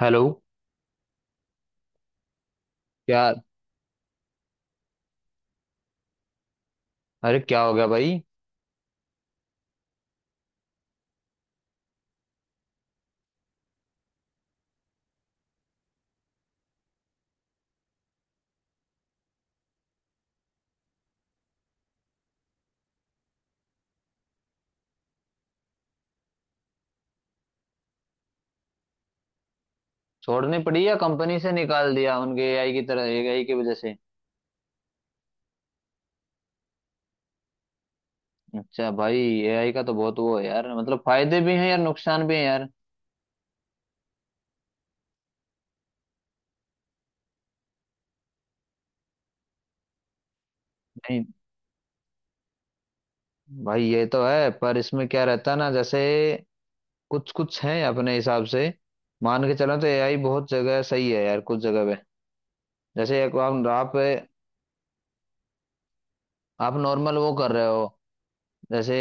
Hello. क्या? अरे क्या हो गया भाई? छोड़नी पड़ी या कंपनी से निकाल दिया उनके एआई की तरह एआई की वजह से? अच्छा भाई। एआई का तो बहुत वो है यार, मतलब फायदे भी हैं यार, नुकसान भी हैं यार। नहीं। भाई ये तो है, पर इसमें क्या रहता है ना, जैसे कुछ कुछ हैं अपने हिसाब से। मान के चलो तो एआई बहुत जगह सही है यार, कुछ जगह पे। जैसे एक आप नॉर्मल वो कर रहे हो। जैसे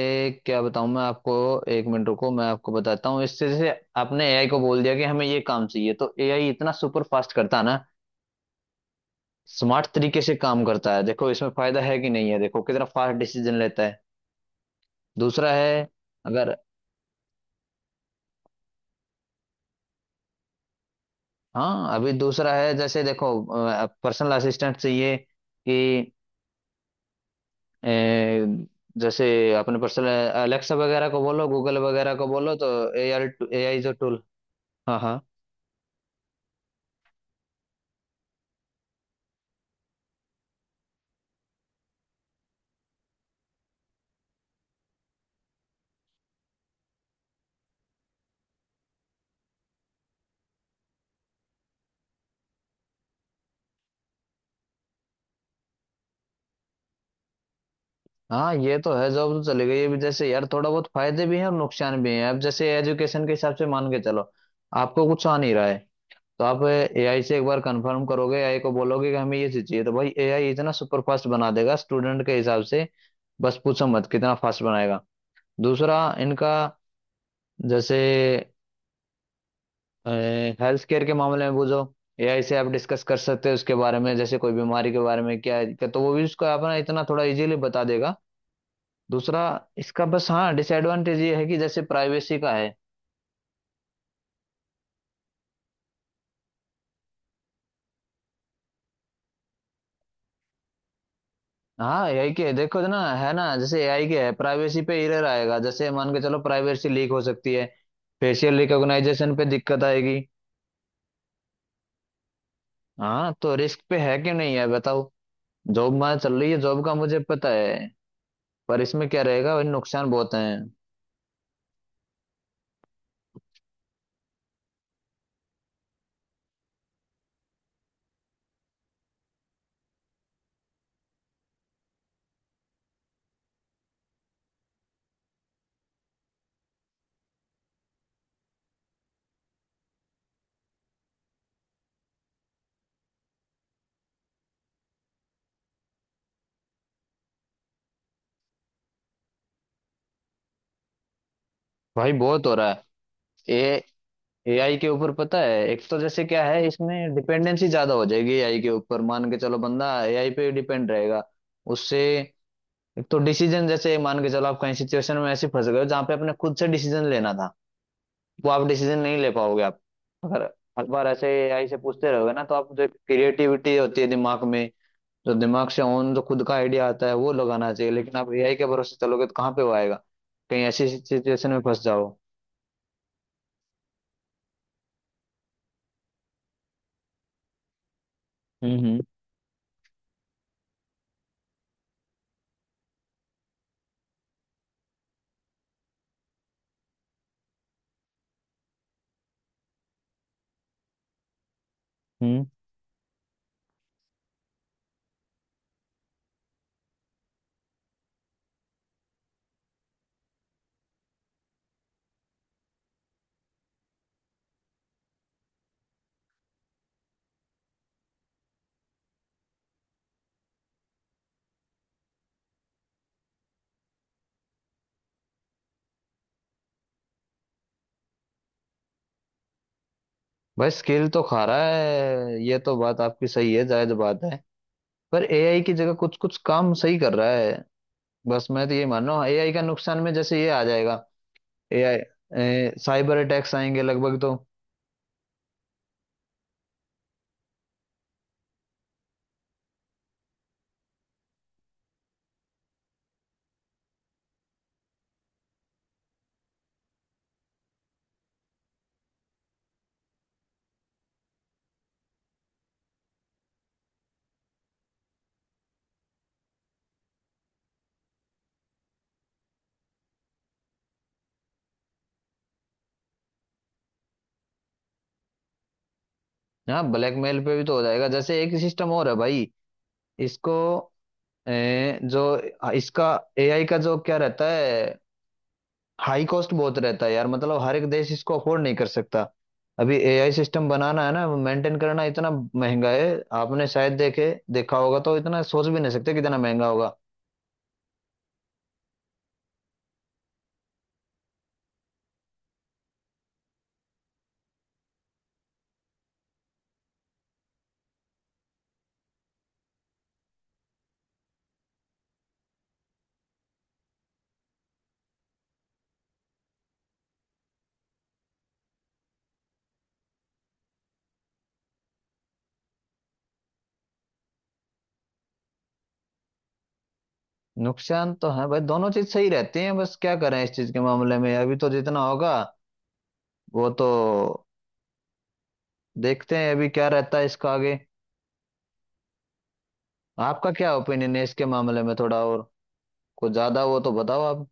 क्या बताऊं मैं आपको। एक मिनट रुको मैं आपको बताता हूँ, इससे जैसे आपने एआई को बोल दिया कि हमें ये काम चाहिए तो एआई इतना सुपर फास्ट करता है ना, स्मार्ट तरीके से काम करता है। देखो इसमें फायदा है कि नहीं है, देखो कितना फास्ट डिसीजन लेता है। दूसरा है, अगर हाँ अभी दूसरा है जैसे देखो, पर्सनल असिस्टेंट चाहिए कि अ, जैसे अपने पर्सनल अलेक्सा वगैरह को बोलो, गूगल वगैरह को बोलो तो एआई एआई जो टूल। हाँ, हाँ, हाँ, ये तो है, जॉब तो चली गई। अभी जैसे यार थोड़ा बहुत फायदे भी हैं और नुकसान भी हैं। अब जैसे एजुकेशन के हिसाब से मान के चलो, आपको कुछ आ नहीं रहा है तो आप एआई से एक बार कंफर्म करोगे, एआई को बोलोगे कि हमें ये चीज चाहिए तो भाई एआई इतना सुपर फास्ट बना देगा स्टूडेंट के हिसाब से। बस पूछो मत कितना फास्ट बनाएगा। दूसरा इनका, जैसे हेल्थ केयर के मामले में बुझो, एआई से आप डिस्कस कर सकते हो उसके बारे में, जैसे कोई बीमारी के बारे में क्या है दिक्कत, तो वो भी उसको अपना इतना थोड़ा इजीली बता देगा। दूसरा इसका बस, हाँ, डिसएडवांटेज ये है कि जैसे प्राइवेसी का है। हाँ एआई के देखो तो ना, है ना, जैसे एआई के है प्राइवेसी पे एरर आएगा, जैसे मान के चलो प्राइवेसी लीक हो सकती है। फेशियल रिकॉग्नाइजेशन पे दिक्कत आएगी। हाँ तो रिस्क पे है कि नहीं है बताओ। जॉब मार चल रही है, जॉब का मुझे पता है। पर इसमें क्या रहेगा भाई, नुकसान बहुत है। भाई बहुत हो रहा है। ए एआई के ऊपर पता है, एक तो जैसे क्या है, इसमें डिपेंडेंसी ज्यादा हो जाएगी एआई के ऊपर, मान के चलो बंदा एआई पे डिपेंड रहेगा उससे। एक तो डिसीजन, जैसे मान के चलो आप कहीं सिचुएशन में ऐसे फंस गए हो जहां पे अपने खुद से डिसीजन लेना था, वो आप डिसीजन नहीं ले पाओगे। आप अगर हर बार ऐसे एआई से पूछते रहोगे ना, तो आप जो क्रिएटिविटी होती है दिमाग में, जो दिमाग से ओन जो खुद का आइडिया आता है वो लगाना चाहिए, लेकिन आप एआई के भरोसे चलोगे तो कहाँ पे वो आएगा, कहीं ऐसी सिचुएशन में फंस जाओ। हम्म, हम्म, हम्म। भाई स्किल तो खा रहा है, ये तो बात आपकी सही है, जायज बात है। पर एआई की जगह कुछ कुछ काम सही कर रहा है। बस मैं तो ये मान रहा हूँ एआई का नुकसान में जैसे ये आ जाएगा, एआई साइबर अटैक्स आएंगे लगभग तो। हाँ ब्लैकमेल पे भी तो हो जाएगा, जैसे एक सिस्टम और है भाई, इसको जो इसका, एआई का जो क्या रहता है, हाई कॉस्ट बहुत रहता है यार, मतलब हर एक देश इसको अफोर्ड नहीं कर सकता। अभी एआई सिस्टम बनाना है ना, मेंटेन करना इतना महंगा है। आपने शायद देखे देखा होगा तो इतना सोच भी नहीं सकते कितना महंगा होगा। नुकसान तो है भाई, दोनों चीज सही रहती हैं, बस क्या करें इस चीज के मामले में, अभी तो जितना होगा वो तो, देखते हैं अभी क्या रहता है इसका आगे। आपका क्या ओपिनियन है इसके मामले में, थोड़ा और कुछ ज्यादा वो तो बताओ आप।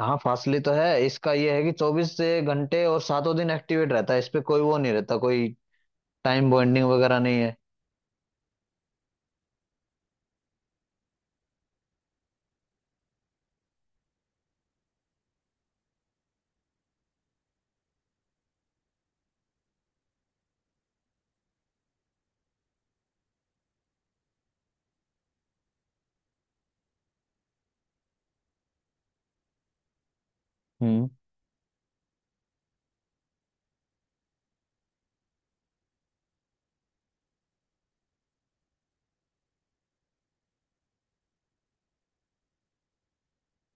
हाँ फासले तो है, इसका ये है कि 24 से घंटे और सातों दिन एक्टिवेट रहता है, इस पे कोई वो नहीं रहता, कोई टाइम बॉन्डिंग वगैरह नहीं है। हम्म।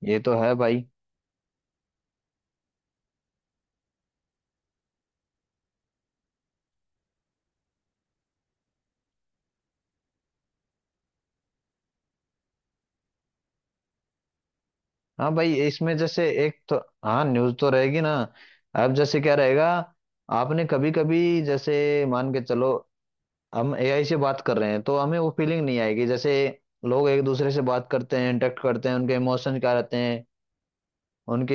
ये तो है भाई। हाँ भाई, इसमें जैसे एक तो, हाँ न्यूज़ तो रहेगी ना। अब जैसे क्या रहेगा, आपने कभी कभी जैसे मान के चलो हम एआई से बात कर रहे हैं तो हमें वो फीलिंग नहीं आएगी, जैसे लोग एक दूसरे से बात करते हैं, इंटरेक्ट करते हैं, उनके इमोशन क्या रहते हैं, उनकी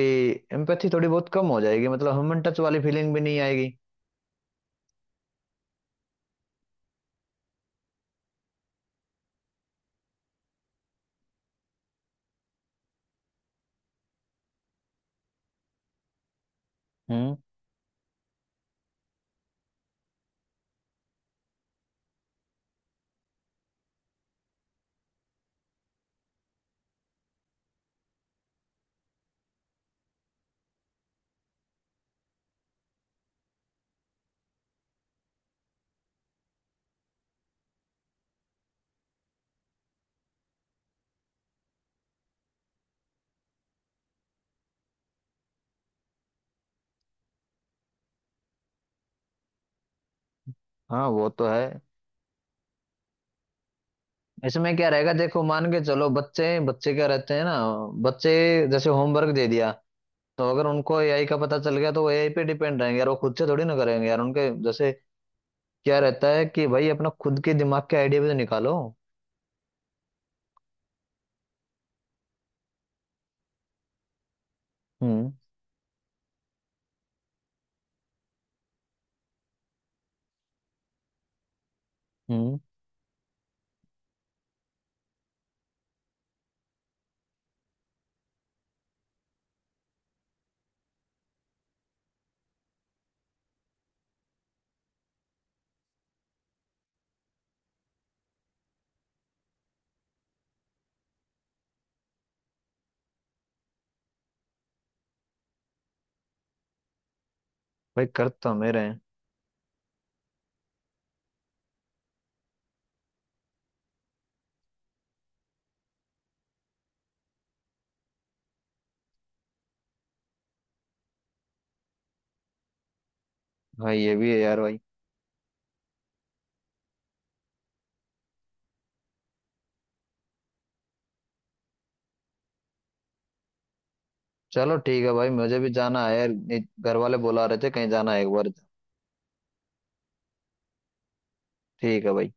एम्पैथी थोड़ी बहुत कम हो जाएगी, मतलब ह्यूमन टच वाली फीलिंग भी नहीं आएगी। हम्म। हाँ वो तो है। इसमें क्या रहेगा देखो, मान के चलो बच्चे, बच्चे क्या रहते हैं ना बच्चे, जैसे होमवर्क दे दिया तो अगर उनको एआई का पता चल गया तो वो एआई पे डिपेंड रहेंगे यार, वो खुद से थोड़ी ना करेंगे यार, उनके जैसे क्या रहता है कि भाई अपना खुद के दिमाग के आइडिया भी तो निकालो। हम्म, हम्म। भाई कर तो मेरे, हाँ ये भी है यार भाई। चलो ठीक है भाई, मुझे भी जाना है यार, ये घर वाले बुला रहे थे, कहीं जाना है एक बार। ठीक है भाई।